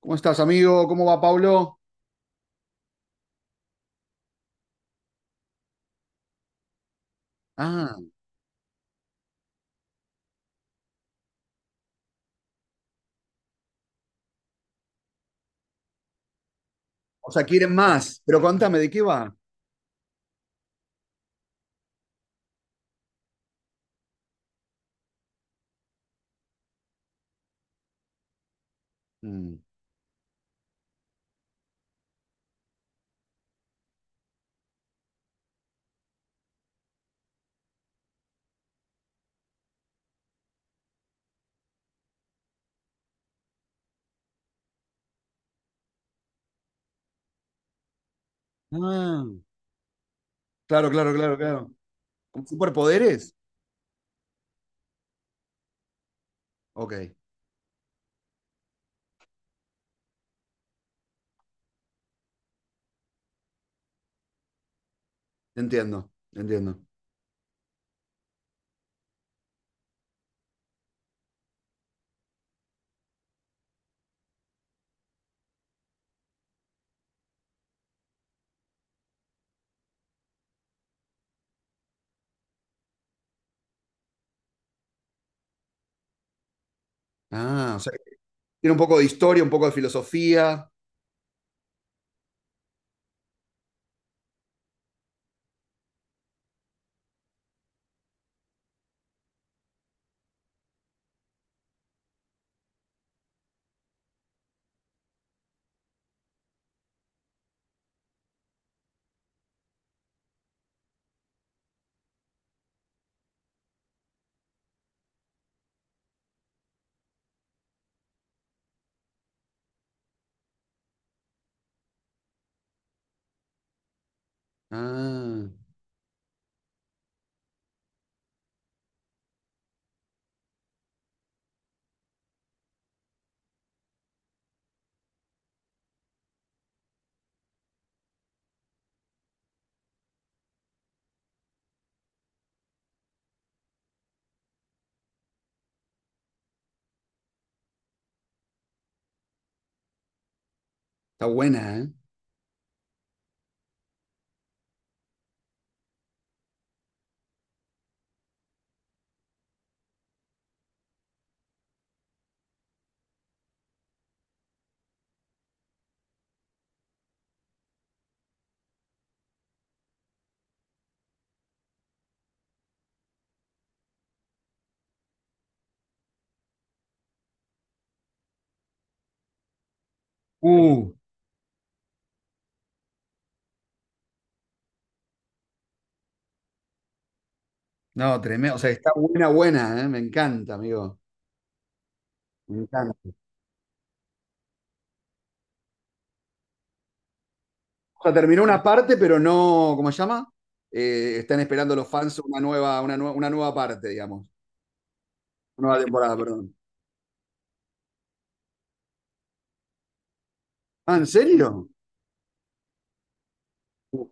¿Cómo estás, amigo? ¿Cómo va, Pablo? Ah, o sea, quieren más, pero contame, ¿de qué va? Mm. Ah, claro, claro, claro, claro. ¿Con superpoderes? Ok, te entiendo, te entiendo. Ah, o sea, tiene un poco de historia, un poco de filosofía. Ah, está buena, ¿eh? Uh, no, tremendo. O sea, está buena, buena, ¿eh? Me encanta, amigo. Me encanta. O sea, terminó una parte, pero no, ¿cómo se llama? Están esperando los fans una nueva, una nueva parte, digamos. Nueva temporada, perdón. Ah, ¿en serio? Uh,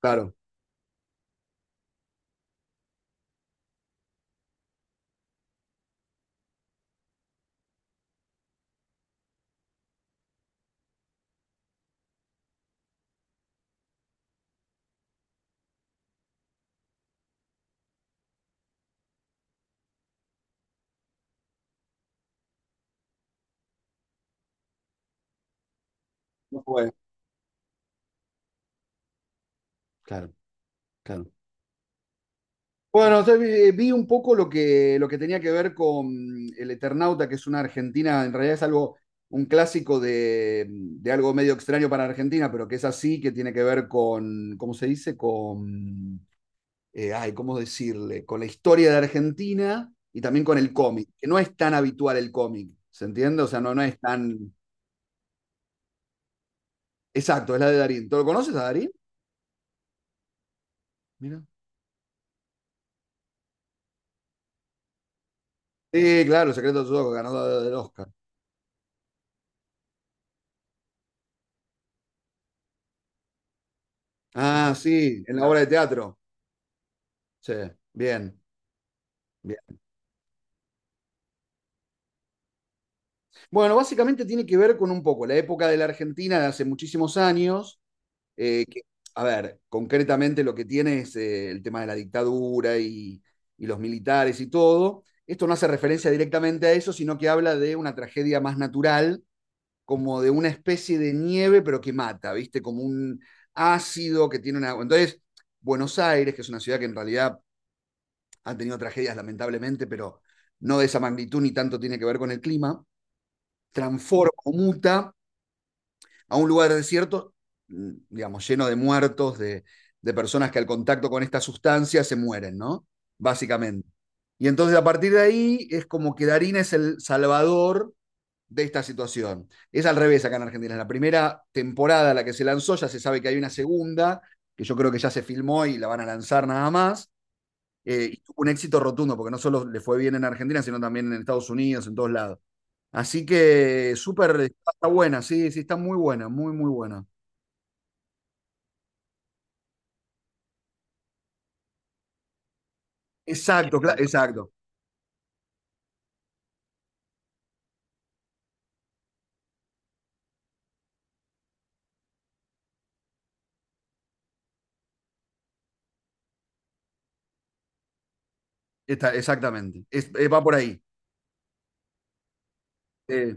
claro. No jugué. Claro, claro. Bueno, o sea, vi, vi un poco lo que tenía que ver con El Eternauta, que es una Argentina, en realidad es algo, un clásico de algo medio extraño para Argentina, pero que es así, que tiene que ver con, ¿cómo se dice? Con, ¿cómo decirle? Con la historia de Argentina y también con el cómic, que no es tan habitual el cómic, ¿se entiende? O sea, no es tan... Exacto, es la de Darín. ¿Tú lo conoces a Darín? Mira. Sí, claro, El Secreto de sus ojos, ganador del Oscar. Ah, sí, en la obra de teatro. Sí, bien, bien. Bueno, básicamente tiene que ver con un poco la época de la Argentina de hace muchísimos años, eh, que, a ver, concretamente lo que tiene es el tema de la dictadura y los militares y todo. Esto no hace referencia directamente a eso, sino que habla de una tragedia más natural, como de una especie de nieve, pero que mata, ¿viste? Como un ácido que tiene una... Entonces, Buenos Aires, que es una ciudad que en realidad han tenido tragedias lamentablemente, pero no de esa magnitud ni tanto tiene que ver con el clima, transforma o muta a un lugar desierto, digamos, lleno de muertos, de personas que al contacto con esta sustancia se mueren, ¿no? Básicamente. Y entonces a partir de ahí es como que Darín es el salvador de esta situación. Es al revés acá en Argentina. En la primera temporada, la que se lanzó, ya se sabe que hay una segunda, que yo creo que ya se filmó y la van a lanzar nada más. Y tuvo un éxito rotundo, porque no solo le fue bien en Argentina, sino también en Estados Unidos, en todos lados. Así que súper, está buena, sí, sí, está muy buena, muy, muy buena. Exacto, exacto, está, exactamente. Va por ahí. Eh,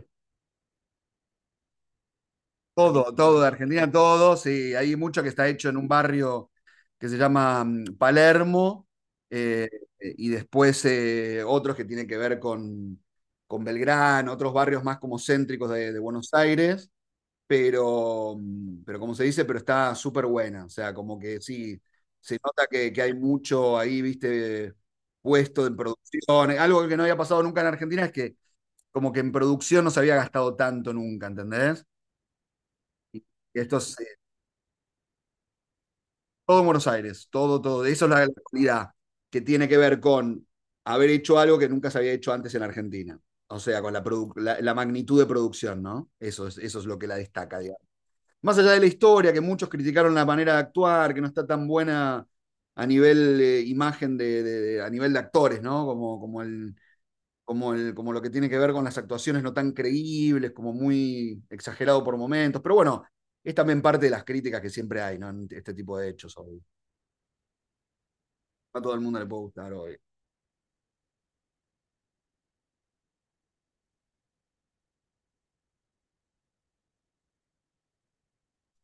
Todo, todo de Argentina, todo, sí. Hay mucho que está hecho en un barrio que se llama Palermo, eh, y después otros que tienen que ver con Belgrano, otros barrios más como céntricos de Buenos Aires. Pero, pero como se dice, pero está súper buena. O sea, como que sí, se nota que hay mucho ahí, viste, puesto en producción. Algo que no había pasado nunca en Argentina es que como que en producción no se había gastado tanto nunca, ¿entendés? Y esto es todo en Buenos Aires, todo, todo. Eso es la calidad que tiene que ver con haber hecho algo que nunca se había hecho antes en Argentina. O sea, con la, la, la magnitud de producción, ¿no? Eso es lo que la destaca, digamos. Más allá de la historia, que muchos criticaron la manera de actuar, que no está tan buena a nivel imagen a nivel de actores, ¿no? Como lo que tiene que ver con las actuaciones no tan creíbles, como muy exagerado por momentos. Pero bueno, es también parte de las críticas que siempre hay, ¿no? En este tipo de hechos hoy. No a todo el mundo le puede gustar hoy.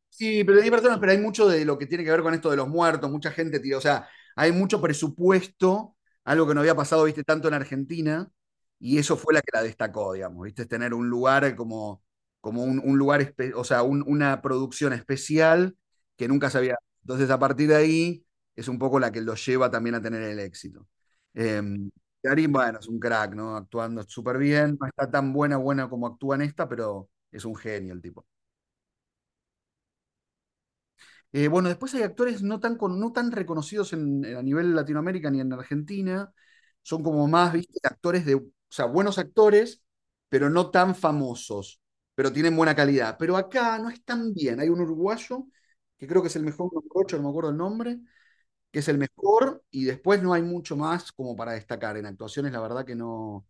Sí, pero hay personas, pero hay mucho de lo que tiene que ver con esto de los muertos, mucha gente tío, o sea, hay mucho presupuesto, algo que no había pasado, viste, tanto en Argentina, y eso fue la que la destacó, digamos, viste, es tener un lugar como, como un lugar, o sea, una producción especial que nunca se había. Entonces, a partir de ahí, es un poco la que lo lleva también a tener el éxito. Em, Darín, bueno, es un crack, ¿no? Actuando súper bien, no está tan buena, buena como actúa en esta, pero es un genio el tipo. Bueno, después hay actores no tan, no tan reconocidos en, a nivel Latinoamérica ni en Argentina. Son como más, ¿viste? Actores de, o sea, buenos actores, pero no tan famosos, pero tienen buena calidad. Pero acá no es tan bien. Hay un uruguayo que creo que es el mejor, un no me acuerdo el nombre, que es el mejor, y después no hay mucho más como para destacar. En actuaciones, la verdad que no.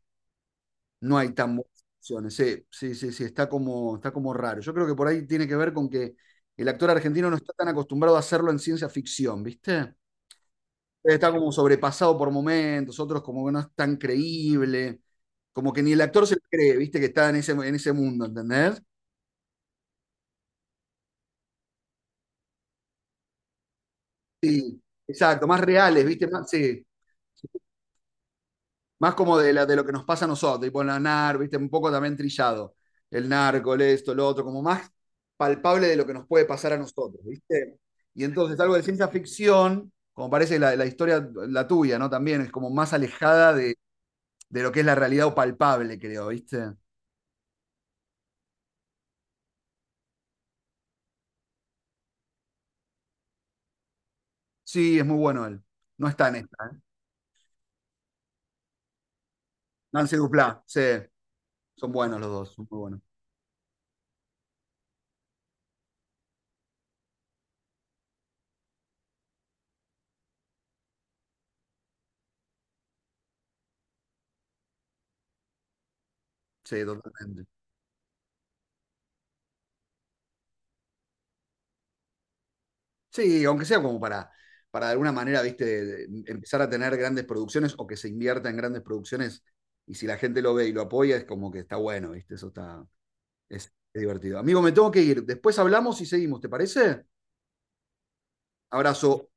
No hay tan buenas opciones. Sí, sí, sí, sí, está como raro. Yo creo que por ahí tiene que ver con que el actor argentino no está tan acostumbrado a hacerlo en ciencia ficción, ¿viste? Está como sobrepasado por momentos, otros como que no es tan creíble, como que ni el actor se lo cree, ¿viste? Que está en ese mundo, ¿entendés? Sí, exacto, más reales, ¿viste? Más, sí. Más como de, de lo que nos pasa a nosotros, tipo la NAR, ¿viste? Un poco también trillado. El narco, el esto, lo otro, como más palpable de lo que nos puede pasar a nosotros, ¿viste? Y entonces algo de ciencia ficción, como parece la historia, la tuya, ¿no? También es como más alejada de lo que es la realidad o palpable, creo, ¿viste? Sí, es muy bueno él. No está en esta, ¿eh? Nancy Duplá, sí, son buenos los dos, son muy buenos. Sí, totalmente. Sí, aunque sea como para de alguna manera, viste, empezar a tener grandes producciones o que se invierta en grandes producciones y si la gente lo ve y lo apoya es como que está bueno, viste, eso está es divertido. Amigo, me tengo que ir. Después hablamos y seguimos, ¿te parece? Abrazo.